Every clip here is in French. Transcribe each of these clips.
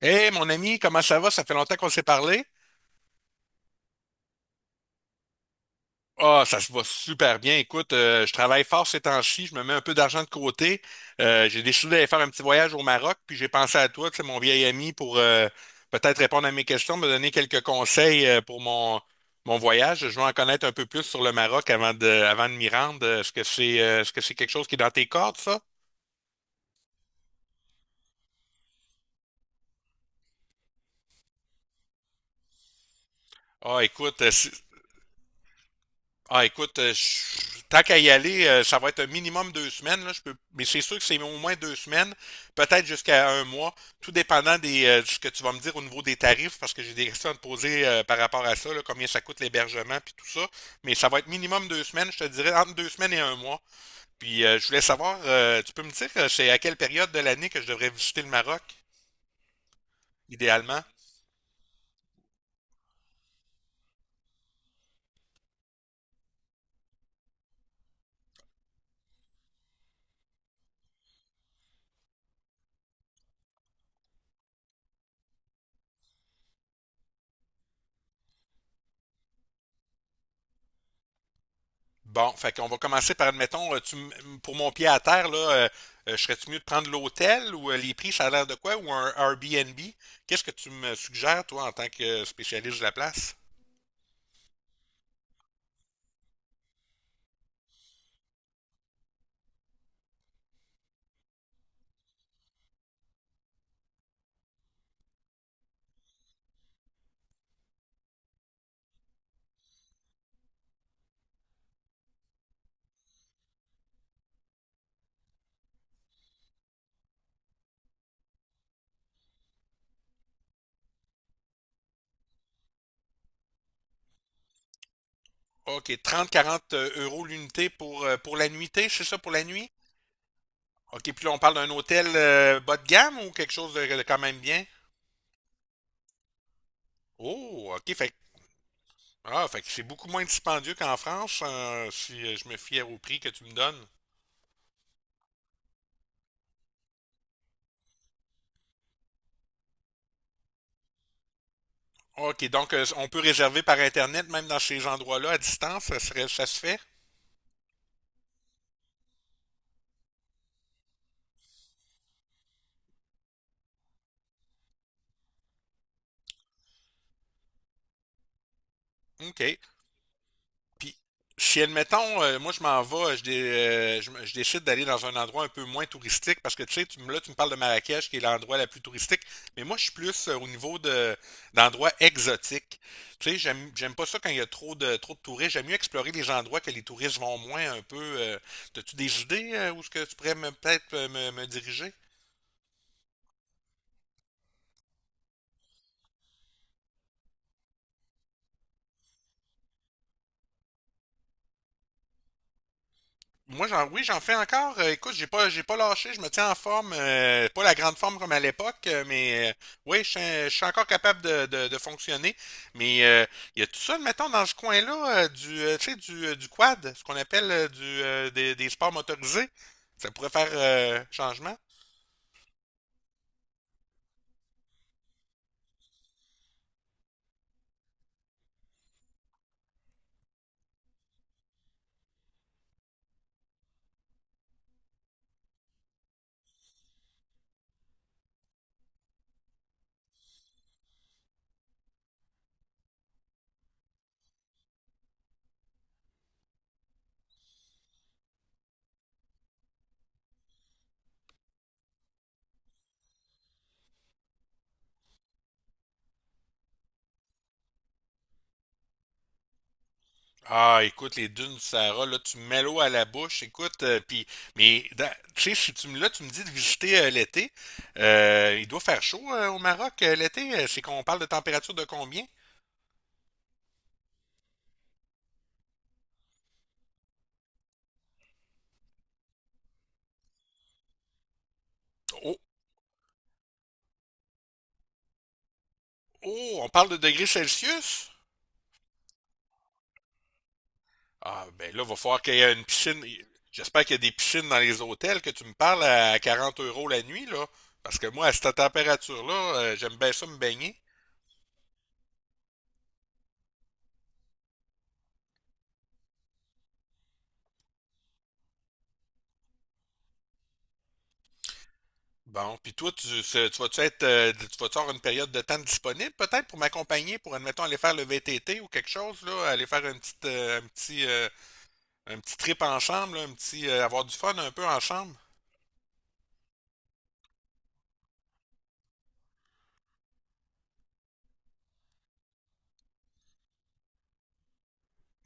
Hey, mon ami, comment ça va? Ça fait longtemps qu'on s'est parlé. Ah, ça se va super bien. Écoute, je travaille fort ces temps-ci, je me mets un peu d'argent de côté. J'ai décidé d'aller faire un petit voyage au Maroc, puis j'ai pensé à toi, tu sais, mon vieil ami, pour peut-être répondre à mes questions, me donner quelques conseils pour mon voyage. Je veux en connaître un peu plus sur le Maroc avant de m'y rendre. Est-ce que c'est quelque chose qui est dans tes cordes, ça? Ah, écoute, si, Ah, écoute, tant qu'à y aller, ça va être un minimum 2 semaines, là, je peux, mais c'est sûr que c'est au moins 2 semaines, peut-être jusqu'à 1 mois, tout dépendant de ce que tu vas me dire au niveau des tarifs, parce que j'ai des questions à te poser par rapport à ça, là, combien ça coûte l'hébergement, puis tout ça. Mais ça va être minimum 2 semaines, je te dirais entre 2 semaines et 1 mois. Puis je voulais savoir, tu peux me dire, c'est à quelle période de l'année que je devrais visiter le Maroc, idéalement? Bon, fait qu'on va commencer par, admettons, pour mon pied à terre, là, serais-tu mieux de prendre l'hôtel ou les prix, ça a l'air de quoi, ou un Airbnb? Qu'est-ce que tu me suggères, toi, en tant que spécialiste de la place? OK, 30-40 € l'unité pour la nuitée, c'est ça pour la nuit? OK, puis là, on parle d'un hôtel bas de gamme ou quelque chose de quand même bien? Oh, OK, fait, que- ah, fait que c'est beaucoup moins dispendieux qu'en France, si je me fie au prix que tu me donnes. OK, donc on peut réserver par Internet, même dans ces endroits-là, à distance, ça se fait? OK. Puis, si, admettons, moi, je m'en vais, je, dé- je, me- je décide d'aller dans un endroit un peu moins touristique, parce que, tu sais, là, tu me parles de Marrakech, qui est l'endroit la plus touristique, mais moi, je suis plus au niveau de d'endroits exotiques. Tu sais, j'aime pas ça quand il y a trop de touristes. J'aime mieux explorer les endroits que les touristes vont moins un peu. T'as-tu des idées où ce que tu pourrais peut-être me diriger? Oui, j'en fais encore. Écoute, j'ai pas lâché. Je me tiens en forme. Pas la grande forme comme à l'époque, oui, je suis encore capable de fonctionner. Mais il y a tout ça, mettons, dans ce coin-là, tu sais, du quad, ce qu'on appelle des sports motorisés. Ça pourrait faire changement. Ah, écoute, les dunes du Sahara, là, tu me mets l'eau à la bouche, écoute, mais, dans- tu sais, si tu me, là, tu me dis de visiter l'été, il doit faire chaud au Maroc l'été. C'est qu'on parle de température de combien? Oh, oh, on parle de degrés Celsius? Ah, ben là, va falloir qu'il y ait une piscine, j'espère qu'il y a des piscines dans les hôtels, que tu me parles à 40 € la nuit, là, parce que moi, à cette température-là, j'aime bien ça me baigner. Bon, puis toi, tu vas-tu être, tu vas-tu avoir une période de temps disponible peut-être pour m'accompagner, pour admettons aller faire le VTT ou quelque chose là, aller faire un petit, un petit trip ensemble, avoir du fun un peu ensemble.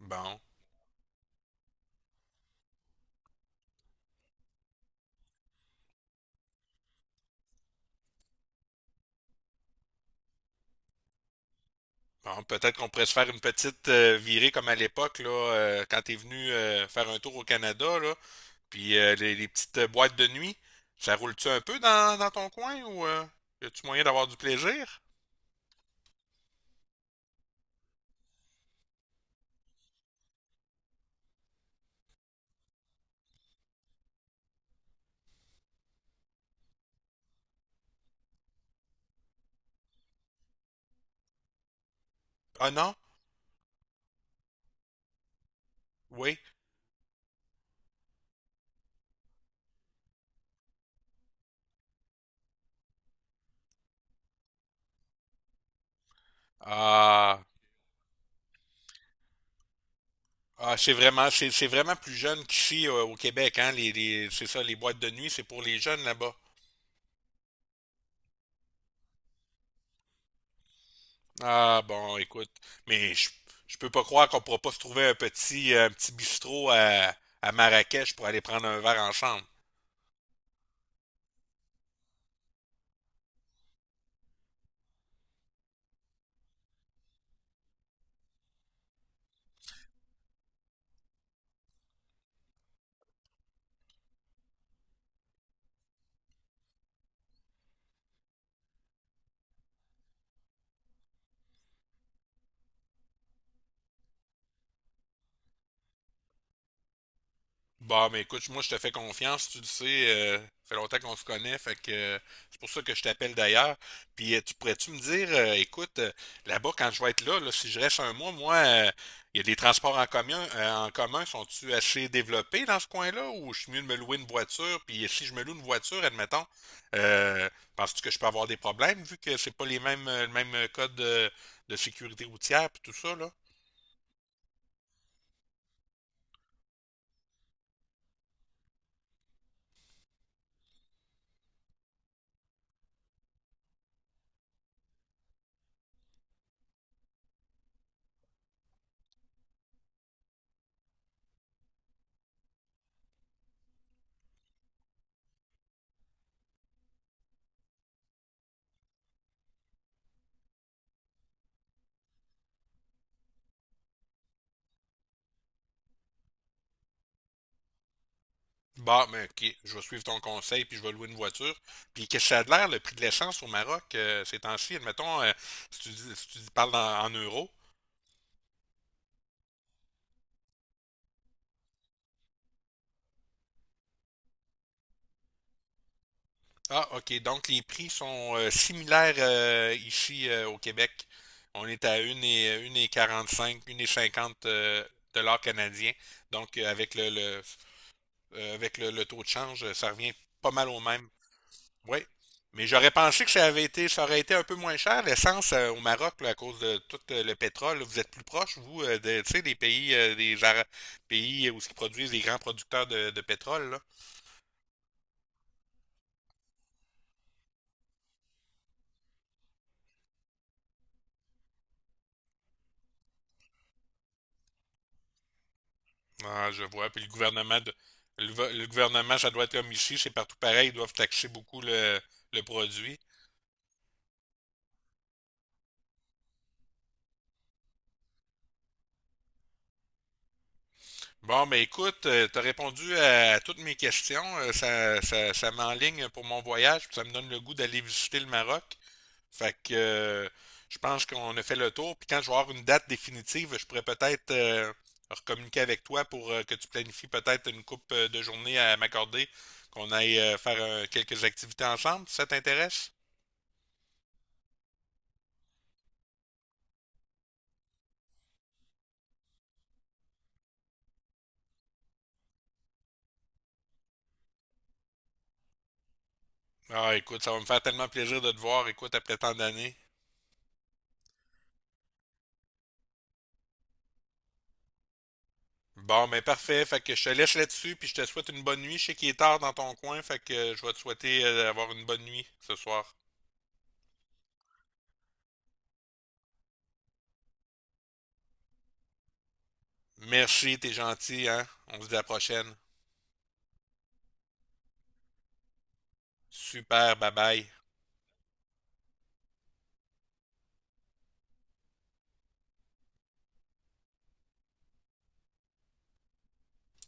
Bon, bon, peut-être qu'on pourrait se faire une petite virée comme à l'époque là, quand t'es venu faire un tour au Canada là, puis les petites boîtes de nuit, ça roule-tu un peu dans ton coin ou y a-tu moyen d'avoir du plaisir? Ah non? Oui. Ah, Ah, c'est vraiment, c'est vraiment plus jeune qu'ici au Québec, hein. C'est ça, les boîtes de nuit, c'est pour les jeunes là-bas. Ah bon, écoute, mais je, je peux pas croire qu'on pourra pas se trouver un petit bistrot à Marrakech pour aller prendre un verre ensemble. Bah, mais écoute, moi, je te fais confiance, tu le sais. Ça fait longtemps qu'on se connaît, fait que c'est pour ça que je t'appelle d'ailleurs. Puis, tu pourrais-tu me dire, là-bas, quand je vais être là, là, si je reste 1 mois, moi, il y a des transports en commun, sont-tu assez développés dans ce coin-là, ou je suis mieux de me louer une voiture? Puis, si je me loue une voiture, admettons, euh, penses-tu que je peux avoir des problèmes, vu que c'est pas les mêmes, le même code de sécurité routière, puis tout ça, là? Bah, mais ok, je vais suivre ton conseil, puis je vais louer une voiture. Puis qu'est-ce que ça a de l'air, le prix de l'essence au Maroc, ces temps-ci, admettons, si tu parles en, en euros. Ah, ok, donc les prix sont similaires ici au Québec. On est à une et 45, une et 50 dollars canadiens. Donc avec le taux de change, ça revient pas mal au même. Oui. Mais j'aurais pensé que ça aurait été un peu moins cher, l'essence au Maroc, là, à cause de tout le pétrole. Là, vous êtes plus proche, vous, tu sais, des pays, des Ara- pays où ils produisent des grands producteurs de pétrole, là. Ah, je vois. Puis le gouvernement de, le, va- le gouvernement, ça doit être comme ici, c'est partout pareil, ils doivent taxer beaucoup le produit. Bon, ben écoute, tu as répondu à toutes mes questions. Ça m'enligne pour mon voyage, puis ça me donne le goût d'aller visiter le Maroc. Fait que je pense qu'on a fait le tour. Puis quand je vais avoir une date définitive, je pourrais peut-être recommuniquer avec toi pour que tu planifies peut-être une coupe de journée à m'accorder, qu'on aille faire quelques activités ensemble, si ça t'intéresse? Ah, écoute, ça va me faire tellement plaisir de te voir, écoute, après tant d'années. Bon, ben parfait. Fait que je te laisse là-dessus, puis je te souhaite une bonne nuit. Je sais qu'il est tard dans ton coin, fait que je vais te souhaiter d'avoir une bonne nuit ce soir. Merci, t'es gentil, hein? On se dit à la prochaine. Super, bye bye.